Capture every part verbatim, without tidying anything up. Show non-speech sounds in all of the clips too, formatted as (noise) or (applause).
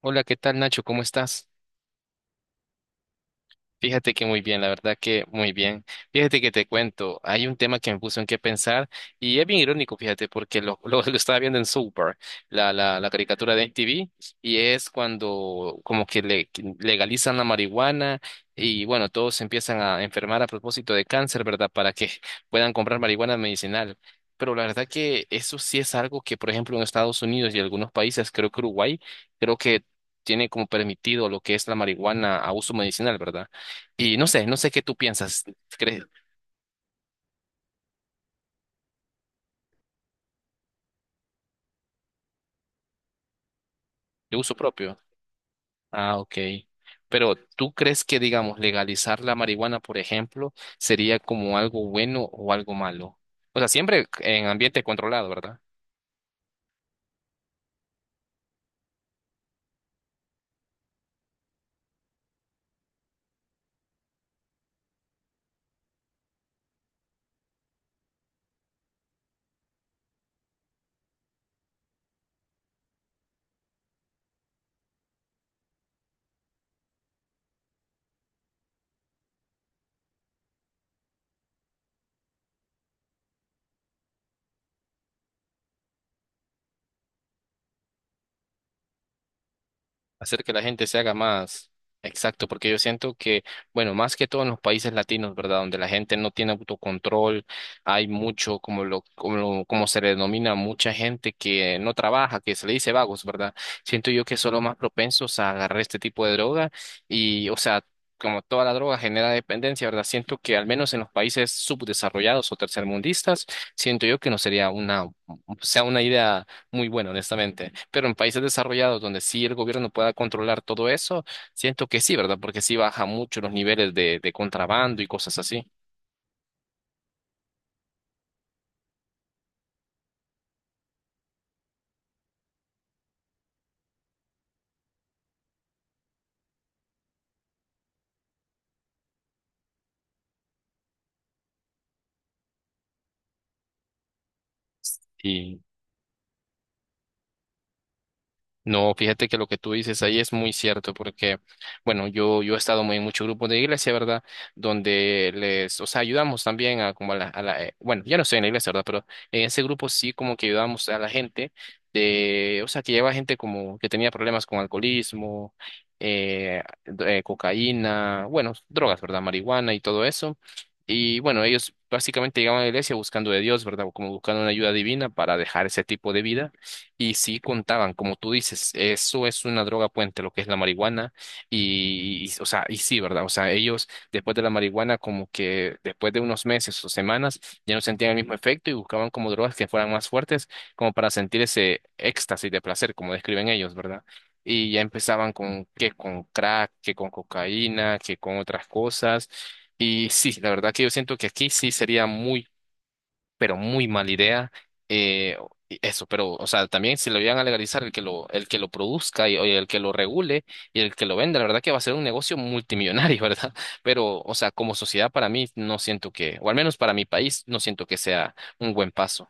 Hola, ¿qué tal Nacho? ¿Cómo estás? Fíjate que muy bien, la verdad que muy bien. Fíjate que te cuento, hay un tema que me puso en qué pensar y es bien irónico, fíjate, porque lo, (laughs) lo, lo estaba viendo en Super, la, la, la caricatura de M T V, y es cuando como que le, legalizan la marihuana y bueno, todos se empiezan a enfermar a propósito de cáncer, ¿verdad? Para que (laughs) puedan comprar marihuana medicinal. Pero la verdad que eso sí es algo que, por ejemplo, en Estados Unidos y algunos países, creo que Uruguay, creo que tiene como permitido lo que es la marihuana a uso medicinal, ¿verdad? Y no sé, no sé qué tú piensas. ¿Crees de uso propio? Ah, ok. Pero ¿tú crees que, digamos, legalizar la marihuana, por ejemplo, sería como algo bueno o algo malo? O sea, siempre en ambiente controlado, ¿verdad? Hacer que la gente se haga más, exacto, porque yo siento que, bueno, más que todo en los países latinos, ¿verdad? Donde la gente no tiene autocontrol, hay mucho, como lo, como lo- como se le denomina, mucha gente que no trabaja, que se le dice vagos, ¿verdad? Siento yo que son los más propensos a agarrar este tipo de droga y, o sea, como toda la droga genera dependencia, ¿verdad? Siento que al menos en los países subdesarrollados o tercermundistas, siento yo que no sería una, o sea, una idea muy bueno, honestamente. Pero en países desarrollados donde sí el gobierno pueda controlar todo eso, siento que sí, ¿verdad? Porque sí baja mucho los niveles de, de contrabando y cosas así. No, fíjate que lo que tú dices ahí es muy cierto, porque, bueno, yo, yo he estado muy en muchos grupos de iglesia, ¿verdad? Donde les, o sea, ayudamos también a como a la, a la, eh, bueno, ya no estoy en la iglesia, ¿verdad? Pero en ese grupo sí como que ayudamos a la gente de, o sea, que lleva gente como que tenía problemas con alcoholismo, eh, do- eh, cocaína, bueno, drogas, ¿verdad? Marihuana y todo eso. Y bueno, ellos básicamente llegaban a la iglesia buscando de Dios, ¿verdad? Como buscando una ayuda divina para dejar ese tipo de vida y sí contaban, como tú dices, eso es una droga puente, lo que es la marihuana. Y, y, o sea, y sí, ¿verdad? O sea, ellos después de la marihuana, como que después de unos meses o semanas, ya no sentían el mismo efecto y buscaban como drogas que fueran más fuertes, como para sentir ese éxtasis de placer, como describen ellos, ¿verdad? Y ya empezaban con que con crack, que con cocaína, que con otras cosas. Y sí, la verdad que yo siento que aquí sí sería muy pero muy mala idea. eh, y eso, pero, o sea, también si lo llegan a legalizar, el que lo, el que lo produzca y, oye, el que lo regule y el que lo venda, la verdad que va a ser un negocio multimillonario, (laughs) ¿verdad? Pero, o sea, como sociedad para mí no siento que, o al menos para mi país, no siento que sea un buen paso.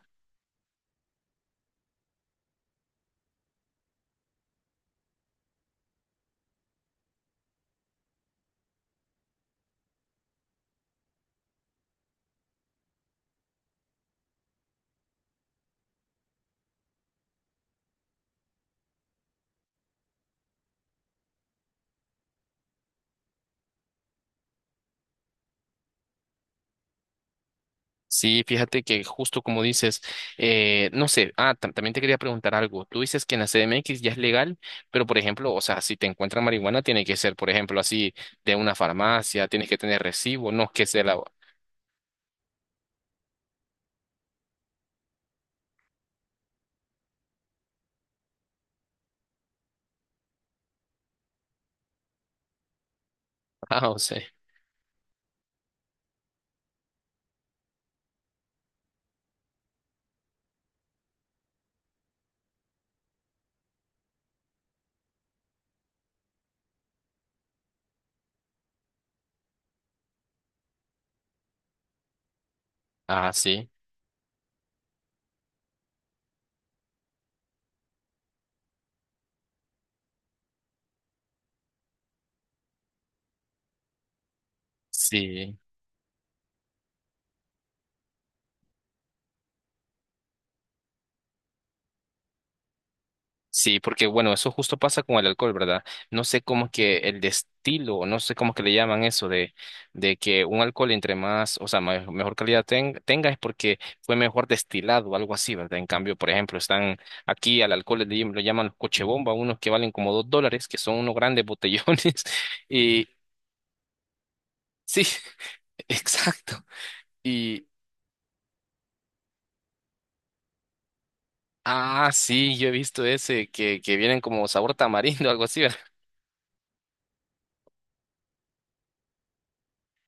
Sí, fíjate que justo como dices, eh, no sé, ah, tam- también te quería preguntar algo. Tú dices que en la C D M X ya es legal, pero por ejemplo, o sea, si te encuentran marihuana, tiene que ser, por ejemplo, así de una farmacia, tienes que tener recibo, no es que sea la, ah, o sea. Ah, sí. Sí. Sí, porque bueno, eso justo pasa con el alcohol, ¿verdad? No sé cómo que el destilo, no sé cómo que le llaman eso de, de que un alcohol entre más, o sea, me- mejor calidad ten- tenga es porque fue mejor destilado o algo así, ¿verdad? En cambio, por ejemplo, están aquí al alcohol le, llam- lo llaman los coche bomba, unos que valen como dos dólares, que son unos grandes botellones. (laughs) Y sí, (laughs) exacto. Y ah, sí, yo he visto ese que, que vienen como sabor tamarindo, algo así.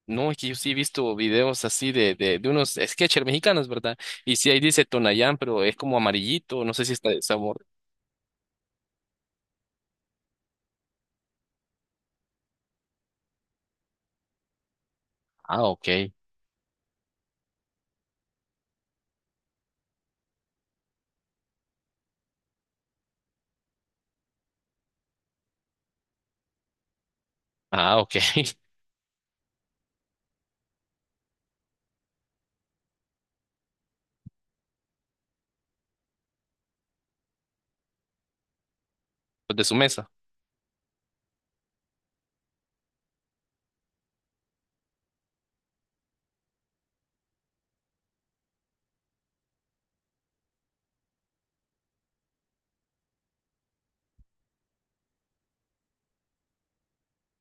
No, es que yo sí he visto videos así de, de, de unos sketchers mexicanos, ¿verdad? Y sí ahí dice Tonayán, pero es como amarillito, no sé si está de sabor. Ah, ok. Ah, ok. (laughs) Pues de su mesa.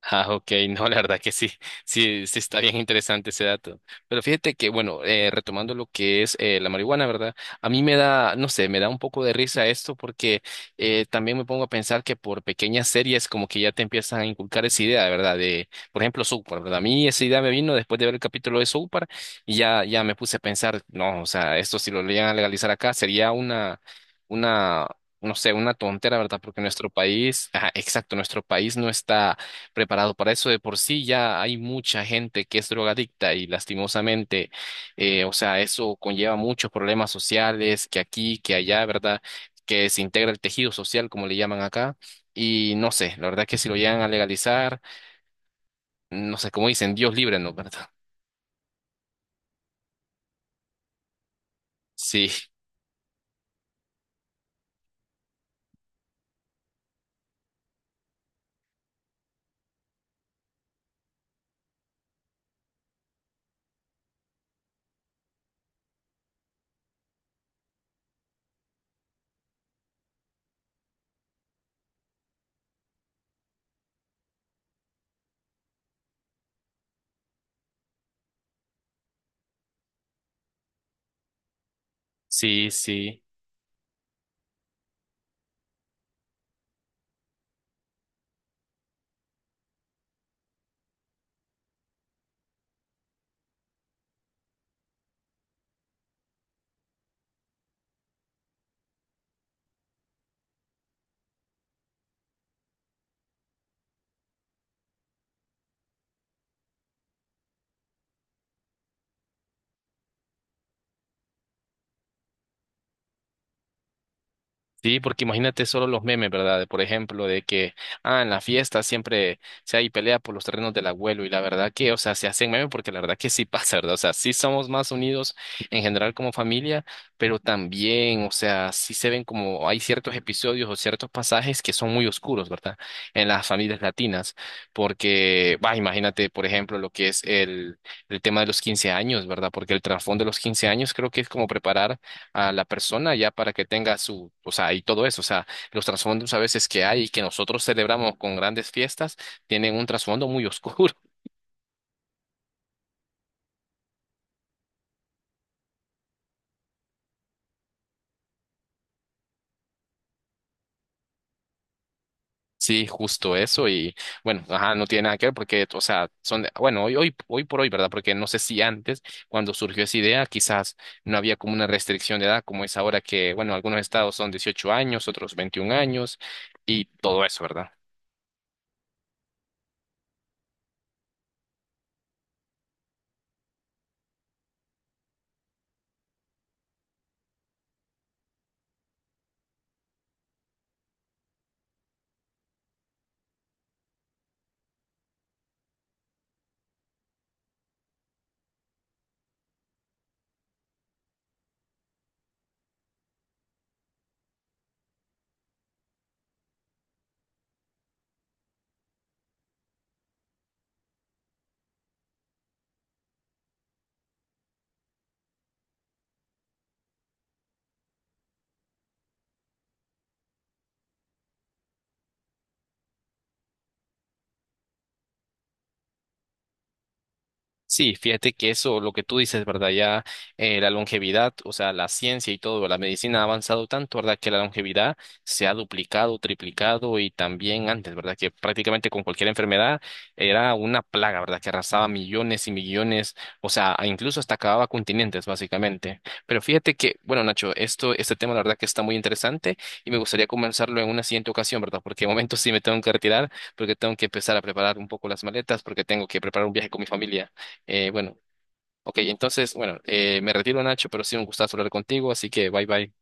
Ah, ok, (laughs) no, la verdad que sí, sí, sí está bien interesante ese dato. Pero fíjate que, bueno, eh, retomando lo que es eh, la marihuana, ¿verdad? A mí me da, no sé, me da un poco de risa esto porque eh, también me pongo a pensar que por pequeñas series como que ya te empiezan a inculcar esa idea, ¿verdad? De, por ejemplo, South Park, ¿verdad? A mí esa idea me vino después de ver el capítulo de South Park y ya, ya me puse a pensar, no, o sea, esto si lo llegan a legalizar acá sería una, una, no sé, una tontera, ¿verdad? Porque nuestro país, ajá, exacto, nuestro país no está preparado para eso. De por sí ya hay mucha gente que es drogadicta y lastimosamente, eh, o sea, eso conlleva muchos problemas sociales, que aquí, que allá, ¿verdad? Que se integra el tejido social, como le llaman acá. Y no sé, la verdad que si lo llegan a legalizar, no sé, como dicen, Dios libre, ¿no? ¿Verdad? Sí, sí, sí. Sí, porque imagínate solo los memes, ¿verdad? De, por ejemplo, de que, ah, en la fiesta siempre se hay pelea por los terrenos del abuelo y la verdad que, o sea, se hacen memes porque la verdad que sí (laughs) pasa, ¿verdad? O sea, sí somos más unidos en general como familia, pero también, o sea, sí se ven como hay ciertos episodios o ciertos pasajes que son muy oscuros, ¿verdad? En las familias latinas, porque, va, imagínate, por ejemplo, lo que es el, el tema de los quince años, ¿verdad? Porque el trasfondo de los quince años creo que es como preparar a la persona ya para que tenga su, o sea, y todo eso, o sea, los trasfondos a veces que hay y que nosotros celebramos con grandes fiestas tienen un trasfondo muy oscuro. (laughs) Sí, justo eso y bueno, ajá, no tiene nada que ver porque, o sea, son, de- bueno, hoy, hoy, hoy por hoy, ¿verdad? Porque no sé si antes, cuando surgió esa idea, quizás no había como una restricción de edad como es ahora que, bueno, algunos estados son dieciocho años, otros veintiún años y todo eso, ¿verdad? Sí, fíjate que eso, lo que tú dices, ¿verdad? Ya eh, la longevidad, o sea, la ciencia y todo, la medicina ha avanzado tanto, ¿verdad? Que la longevidad se ha duplicado, triplicado y también antes, ¿verdad? Que prácticamente con cualquier enfermedad era una plaga, ¿verdad? Que arrasaba millones y millones, o sea, a- incluso hasta acababa continentes, básicamente. Pero fíjate que, bueno, Nacho, esto, este tema, la verdad que está muy interesante y me gustaría comenzarlo en una siguiente ocasión, ¿verdad? Porque de momento sí me tengo que retirar porque tengo que empezar a preparar un poco las maletas porque tengo que preparar un viaje con mi familia. Eh, bueno, ok, entonces, bueno, eh, me retiro, Nacho, pero sí un gustazo hablar contigo, así que bye bye.